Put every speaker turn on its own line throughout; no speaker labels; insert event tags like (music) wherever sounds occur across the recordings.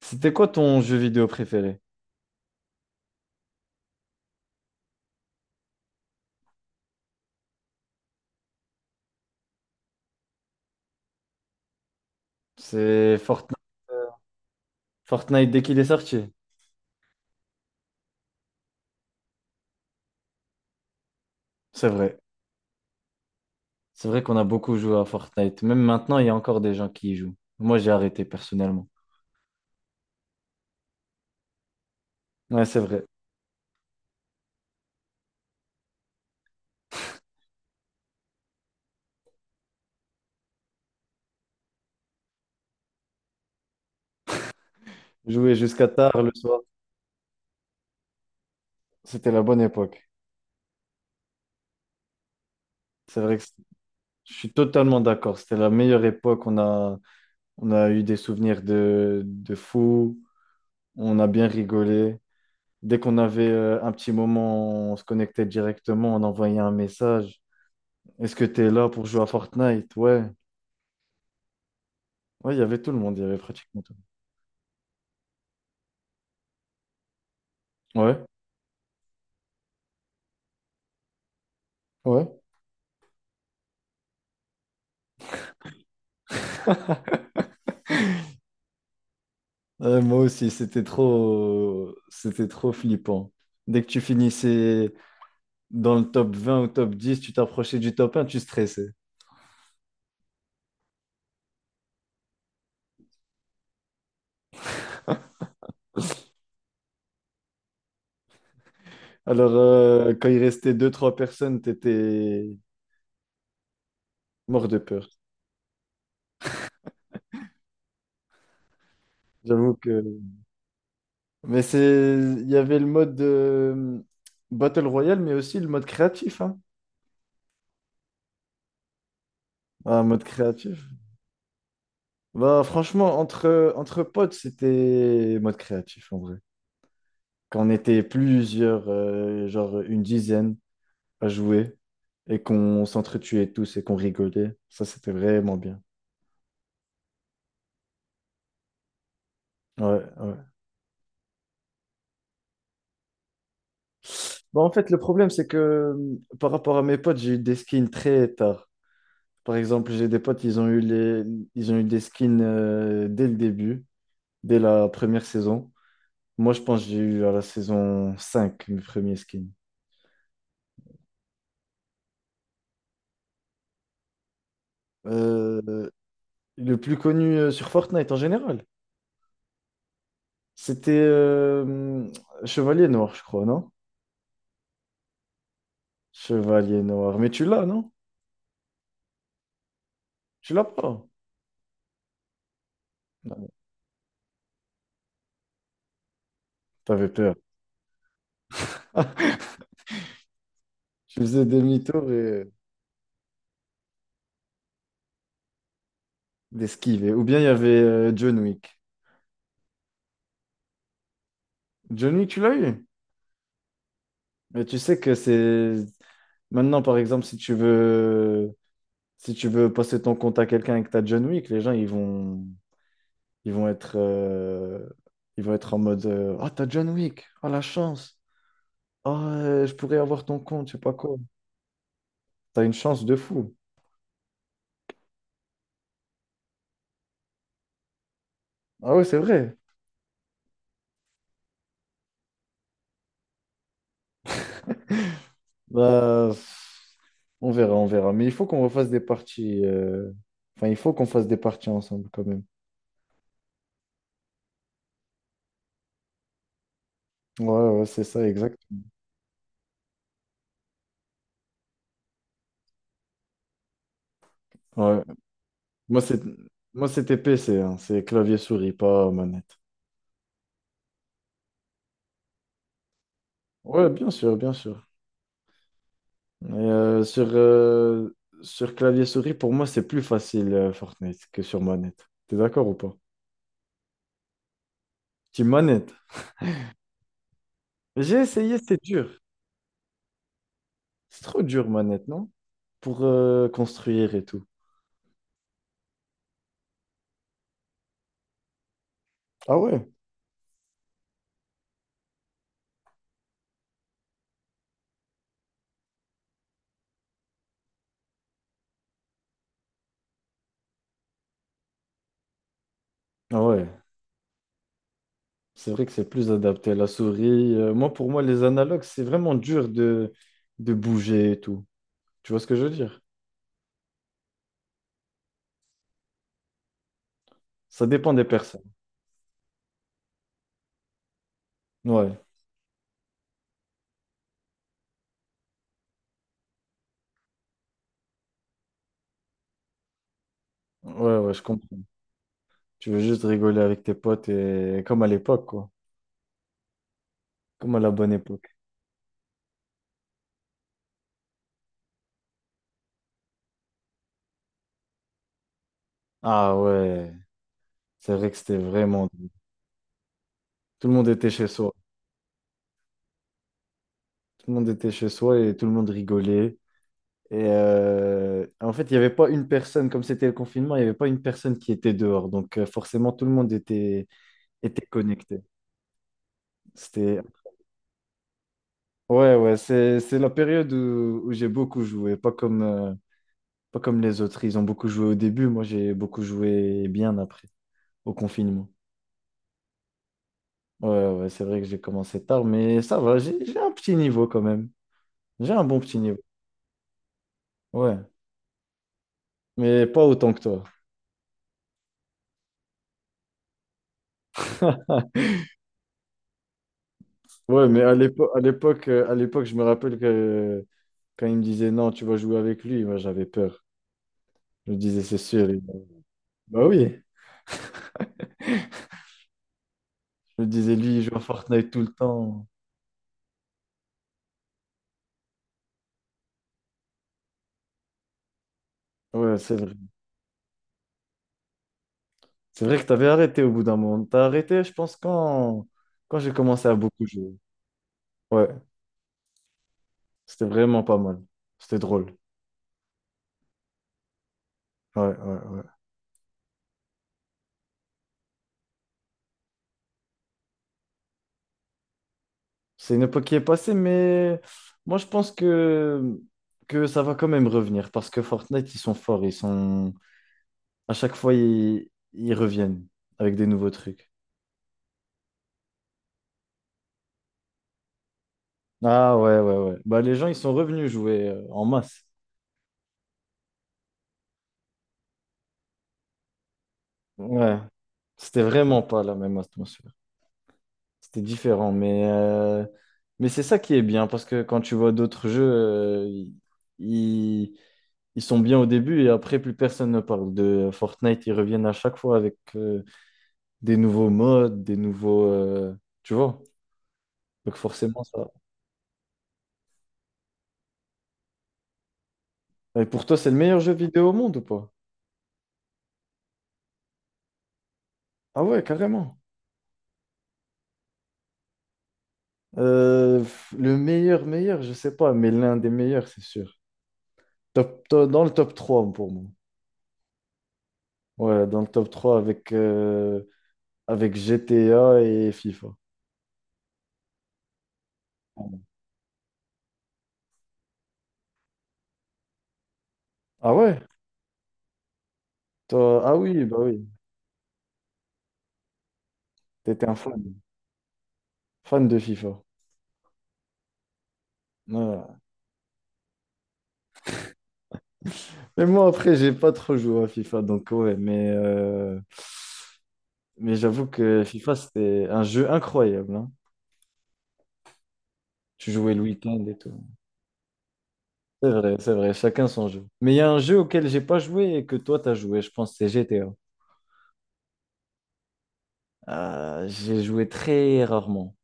C'était quoi ton jeu vidéo préféré? C'est Fortnite. Fortnite dès qu'il est sorti. C'est vrai. C'est vrai qu'on a beaucoup joué à Fortnite. Même maintenant, il y a encore des gens qui y jouent. Moi, j'ai arrêté personnellement. Ouais, c'est vrai. Jouer jusqu'à tard le soir, c'était la bonne époque. C'est vrai que c'est- Je suis totalement d'accord. C'était la meilleure époque. On a eu des souvenirs de fou. On a bien rigolé. Dès qu'on avait un petit moment, on se connectait directement. On envoyait un message. Est-ce que tu es là pour jouer à Fortnite? Ouais. Ouais, il y avait tout le monde, il y avait pratiquement tout le monde. Ouais, ouais. Moi aussi, c'était trop flippant. Dès que tu finissais dans le top 20 ou top 10, tu t'approchais du top 1, tu stressais. Alors, quand il restait deux trois personnes, t'étais mort de peur. J'avoue que... Mais c'est... Il y avait le mode Battle Royale, mais aussi le mode créatif, hein. Ah, mode créatif. Bah, franchement, entre potes, c'était mode créatif, en vrai. Qu'on était plusieurs, genre une dizaine à jouer et qu'on s'entretuait tous et qu'on rigolait. Ça, c'était vraiment bien. Ouais, ouais. Bon, en fait, le problème, c'est que par rapport à mes potes, j'ai eu des skins très tard. Par exemple, j'ai des potes, ils ont eu les... ils ont eu des skins dès le début, dès la première saison. Moi, je pense que j'ai eu à la saison 5 mes premiers skins. Euh, le plus connu sur Fortnite en général, c'était Chevalier Noir, je crois, non? Chevalier noir. Mais tu l'as, non? Tu l'as pas. Non, t'avais peur. (laughs) Tu faisais demi-tour et d'esquiver. Ou bien il y avait John Wick. John Wick, tu l'as eu. Mais tu sais que c'est. Maintenant, par exemple, si tu veux, si tu veux passer ton compte à quelqu'un avec ta John Wick, les gens, ils vont être, euh, ils vont être en mode ah, t'as John Wick, ah, la chance, ah, je pourrais avoir ton compte, je sais pas quoi. T'as une chance de fou. Ah ouais, c'est vrai. Bah, on verra. Mais il faut qu'on refasse des parties. Enfin, il faut qu'on fasse des parties ensemble quand même. Ouais, ouais, c'est ça, exact. Ouais. Moi, c'est moi, c'était PC, hein. C'est clavier-souris, pas manette. Ouais, bien sûr, bien sûr. Et sur clavier-souris, pour moi, c'est plus facile Fortnite que sur manette. T'es d'accord ou pas? Team manette. J'ai essayé, c'est dur. C'est trop dur, manette, non? Pour construire et tout. Ah ouais? Ah ouais. C'est vrai que c'est plus adapté à la souris. Pour moi, les analogues, c'est vraiment dur de bouger et tout. Tu vois ce que je veux dire? Ça dépend des personnes. Ouais, ouais, ouais, je comprends. Tu veux juste rigoler avec tes potes et comme à l'époque, quoi. Comme à la bonne époque. Ah ouais, c'est vrai que c'était vraiment... Tout le monde était chez soi. Tout le monde était chez soi et tout le monde rigolait. Et en fait, il n'y avait pas une personne, comme c'était le confinement, il n'y avait pas une personne qui était dehors. Donc forcément, tout le monde était, était connecté. C'était ouais, ouais, c'est la période où j'ai beaucoup joué, pas comme les autres. Ils ont beaucoup joué au début, moi j'ai beaucoup joué bien après, au confinement. Ouais, ouais, c'est vrai que j'ai commencé tard, mais ça va, j'ai un petit niveau quand même. J'ai un bon petit niveau, ouais, mais pas autant que toi. Ouais, mais à l'époque, à l'époque, à l'époque, je me rappelle que quand il me disait non, tu vas jouer avec lui, moi j'avais peur. Je me disais, c'est sûr. Il Bah oui, je me disais, lui, il joue à Fortnite tout le temps. Ouais, c'est vrai. C'est vrai que tu avais arrêté au bout d'un moment. Je pense, quand j'ai commencé à beaucoup jouer. Ouais, c'était vraiment pas mal. C'était drôle. Ouais, ouais, ouais. C'est une époque qui est passée, mais moi, que ça va quand même revenir parce que Fortnite, ils sont forts. Ils sont... À chaque fois, ils reviennent avec des nouveaux trucs. Ah ouais, ouais, ouais. Bah, les gens, ils sont revenus jouer en masse. Ouais, c'était vraiment pas la même atmosphère. C'était différent, mais c'est ça qui est bien, parce que quand tu vois d'autres jeux, ils, ils sont bien au début et après plus personne ne parle de Fortnite, ils reviennent à chaque fois avec des nouveaux modes, des nouveaux... tu vois? Donc forcément ça... Et pour toi, c'est le meilleur jeu vidéo au monde ou pas? Ah ouais, carrément. Le meilleur, meilleur, je sais pas, mais l'un des meilleurs, c'est sûr. Dans le top 3 pour moi. Ouais, dans le top 3 avec, avec GTA et FIFA. Ah ouais? Toi... Ah oui, bah oui. T'étais un fan. Fan de FIFA. Ouais. Mais moi, après, j'ai pas trop joué à FIFA, donc ouais. Mais mais j'avoue que FIFA, c'était un jeu incroyable, hein. Tu jouais le week-end et tout. C'est vrai, c'est vrai. Chacun son jeu. Mais il y a un jeu auquel j'ai pas joué et que toi, t'as joué. Je pense que c'est GTA. J'ai joué très rarement.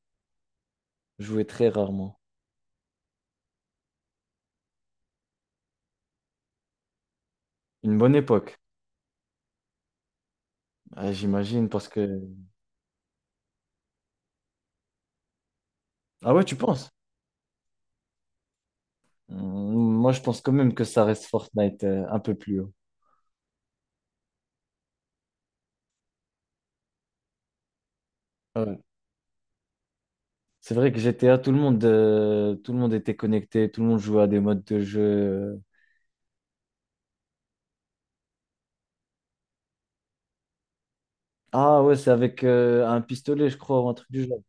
Joué très rarement. Une bonne époque, ah, j'imagine, parce que... Ah ouais, tu penses? Moi, je pense quand même que ça reste Fortnite un peu plus haut. Ouais. C'est vrai que GTA, tout le monde était connecté, tout le monde jouait à des modes de jeu. Ah ouais, c'est avec un pistolet, je crois, ou un truc du genre.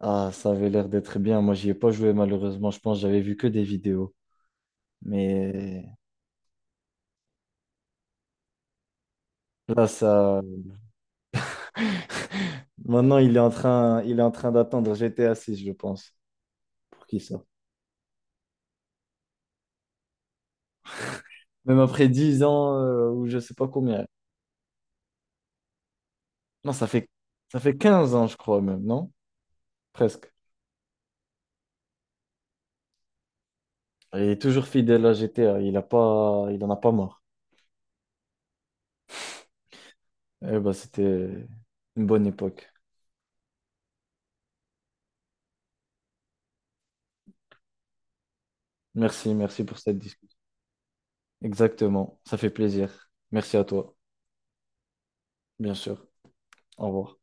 Ah, ça avait l'air d'être bien. Moi, j'y ai pas joué, malheureusement. Je pense que j'avais vu que des vidéos. Mais là, ça. Maintenant, il est en train d'attendre GTA 6 je pense, pour qu'il sorte. Même après 10 ans, ou je sais pas combien. Non, ça fait 15 ans, je crois, même, non? Presque. Il est toujours fidèle à GTA. Il en a pas marre. Eh ben, c'était une bonne époque. Merci, merci pour cette discussion. Exactement, ça fait plaisir. Merci à toi, bien sûr. Au revoir.